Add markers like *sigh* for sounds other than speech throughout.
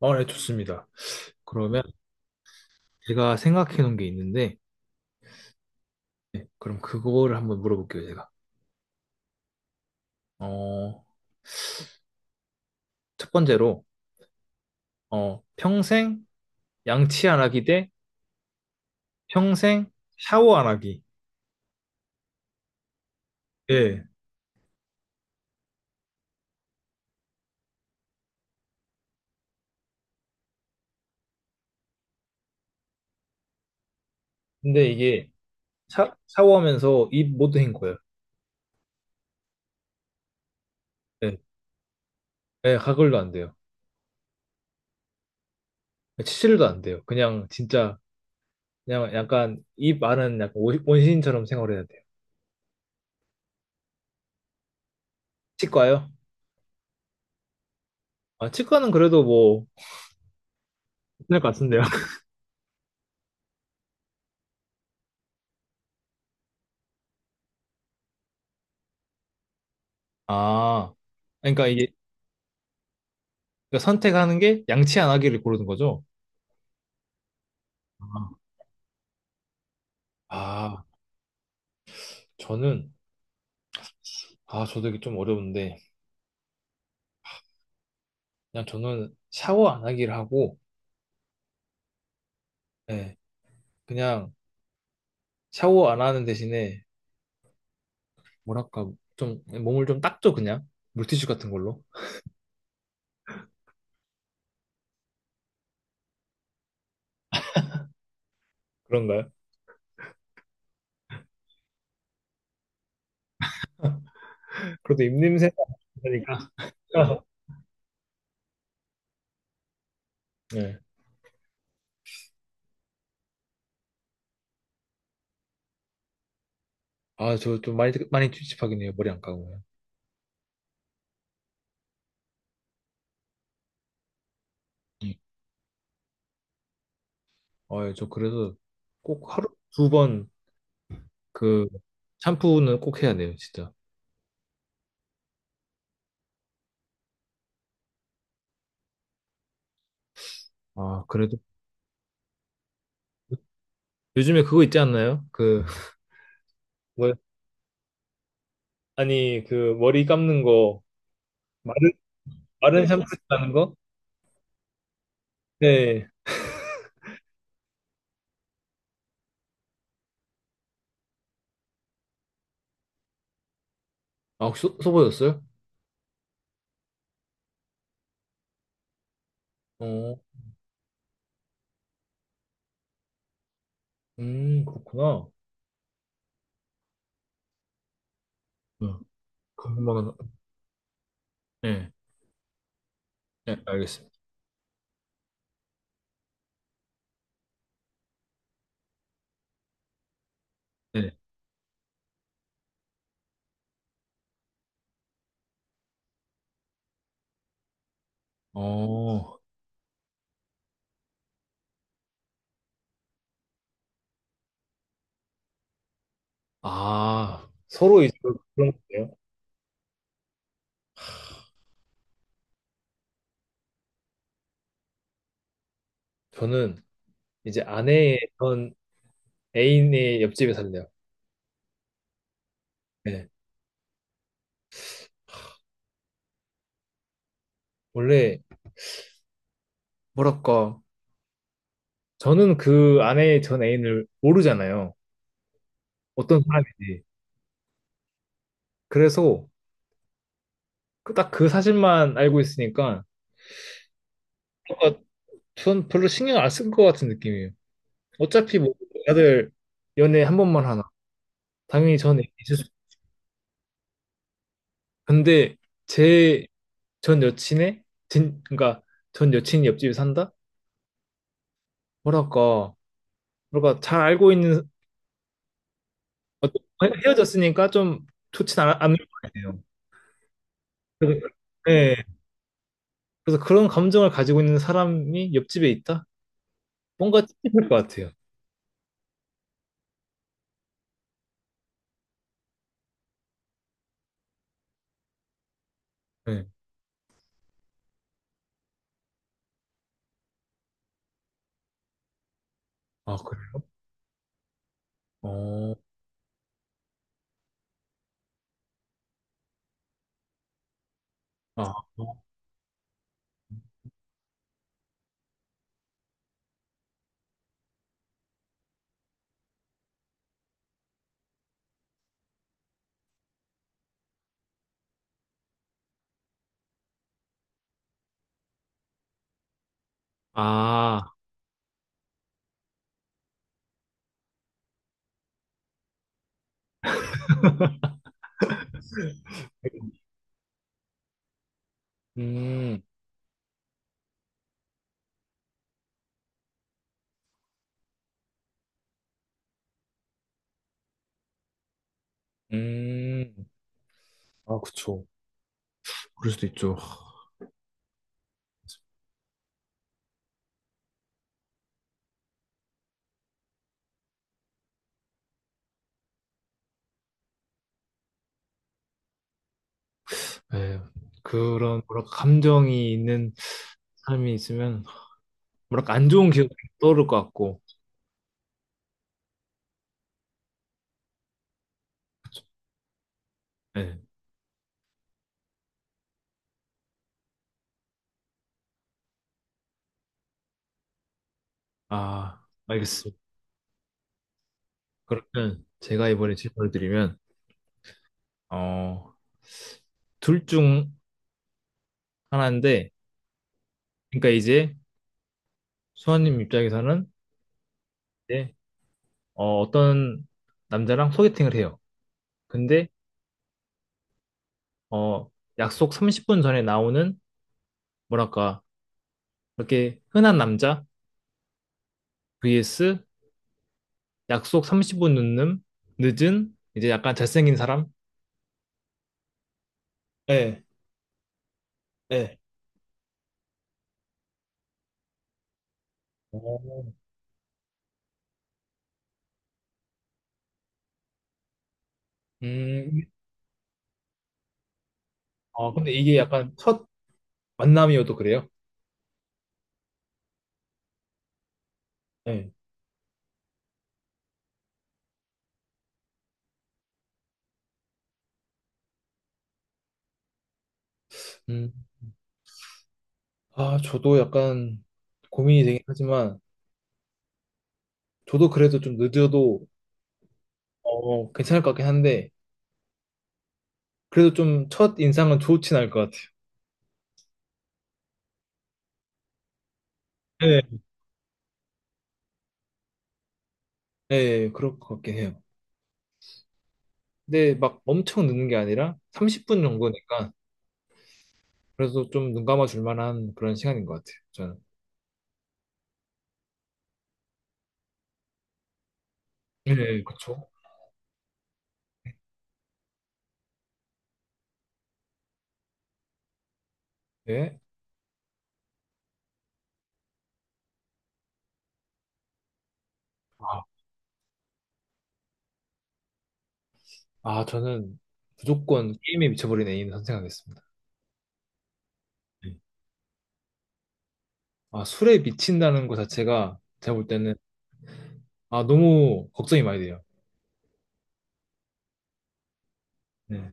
네, 좋습니다. 그러면 제가 생각해 놓은 게 있는데, 네, 그럼 그거를 한번 물어볼게요, 제가. 어, 첫 번째로, 평생 양치 안 하기 대 평생 샤워 안 하기. 예. 근데 이게 샤워하면서 입 못 헹궈요. 예. 예, 가글도 안 돼요. 치질도 안 돼요. 그냥 진짜, 그냥 약간 입 안은 약간 원시인처럼 생활해야 돼요. 치과요? 아, 치과는 그래도 뭐, 괜찮을 것 같은데요. *laughs* 아, 그러니까 이게 그러니까 선택하는 게 양치 안 하기를 고르는 거죠. 아, 아, 저는, 아, 저도 이게 좀 어려운데, 그냥 저는 샤워 안 하기를 하고, 예, 그냥 샤워 안 하는 대신에, 뭐랄까, 좀, 몸을 좀 닦죠, 그냥. 물티슈 같은 걸로. 그런가요? 그래도 입냄새가 나니까. *laughs* 네. 아, 저 좀 많이 찝찝하긴 해요, 머리 안 감으면. 음. 아, 예, 저 그래서 꼭 하루 두 번 그, 샴푸는 꼭 해야 돼요, 진짜. 아, 그래도. 요즘에 그거 있지 않나요? 그, 아니, 그 머리 감는 거 마른 마른 샴푸 감는 하는 거? 네. 아, 혹시 써보셨어요? 어, 그렇구나. 네, 금방. 네, 네, 알겠습니다. 네. 어, 아, 서로 이제 그런 거예요. 저는 이제 아내의 전 애인의 옆집에 살래요. 네. 원래 뭐랄까, 저는 그 아내의 전 애인을 모르잖아요. 어떤 사람인지. 그래서 그 딱그 사실만 알고 있으니까 전 별로 신경 안 쓴 것 같은 느낌이에요. 어차피 뭐 다들 연애 한 번만 하나. 당연히 전 애기 있을 수. 근데 제 전 여친의 진 그러니까 전 여친이 옆집에 산다? 뭐랄까 뭐랄까 잘 알고 있는 어떤- 헤어졌으니까 좀 좋진 않을 것 같아요. 그래서, 네. 그래서 그런 감정을 가지고 있는 사람이 옆집에 있다? 뭔가 찝찝할 것 같아요. 네. 아 그래요? 어. 아. 아. 음. 음. 아, 그쵸. 그럴 수도 있죠. 예, 그런 뭐랄까 감정이 있는 삶이 있으면 뭐랄까 안 좋은 기억이 떠오를 것 같고. 예, 아 알겠습니다. 그러면 제가 이번에 질문을 드리면 어, 둘 중 하나인데 그러니까 이제 수아님 입장에서는 이제 어, 어떤 남자랑 소개팅을 해요. 근데 어, 약속 30분 전에 나오는 뭐랄까 그렇게 흔한 남자 vs 약속 30분 늦은, 이제 약간 잘생긴 사람? 예, 예. 오. 음, 아, 근데 이게 약간 첫 만남이어도 그래요? 예. 음, 아, 저도 약간 고민이 되긴 하지만, 저도 그래도 좀 늦어도, 어, 괜찮을 것 같긴 한데, 그래도 좀 첫 인상은 좋진 않을 것 같아요. 예, 예, 그럴 것 같긴 해요. 근데 막 엄청 늦는 게 아니라 30분 정도니까, 그래서 좀 눈 감아 줄 만한 그런 시간인 것 같아요, 저는. 예, 그렇죠. 예. 아, 저는 무조건 게임에 미쳐버린 애인 선택하겠습니다. 네. 아, 술에 미친다는 것 자체가 제가 볼 때는 아, 너무 걱정이 많이 돼요. 네.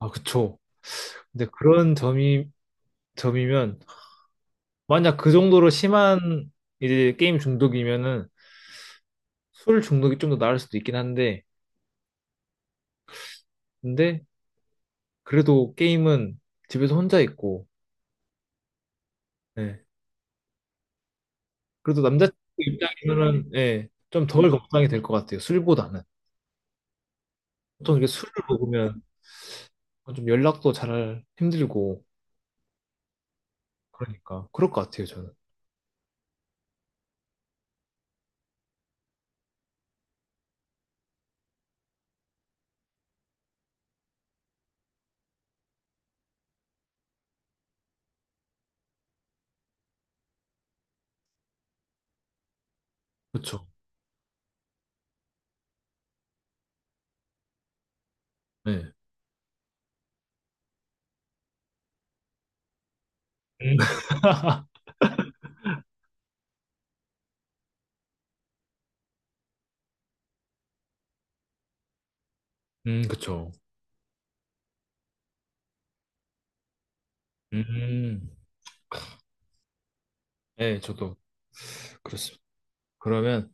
아, 그쵸. 근데 그런 점이, 점이면, 만약 그 정도로 심한 이제 게임 중독이면은 술 중독이 좀 더 나을 수도 있긴 한데, 근데 그래도 게임은 집에서 혼자 있고, 예. 그래도 남자친구 입장에서는, 예, 좀 덜 걱정이 될 것 같아요. 술보다는. 보통 이렇게 술을 먹으면 좀 연락도 잘 힘들고, 그러니까 그럴 것 같아요, 저는. 그쵸? 네. 음. *laughs* 그쵸. 음, 네, 저도 그렇습니다. 그러면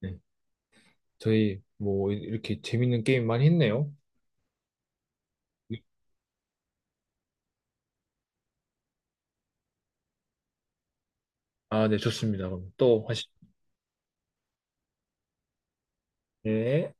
네, 저희 뭐 이렇게 재밌는 게임 많이 했네요. 네. 아, 네, 좋습니다. 그럼 또 하시죠. 네.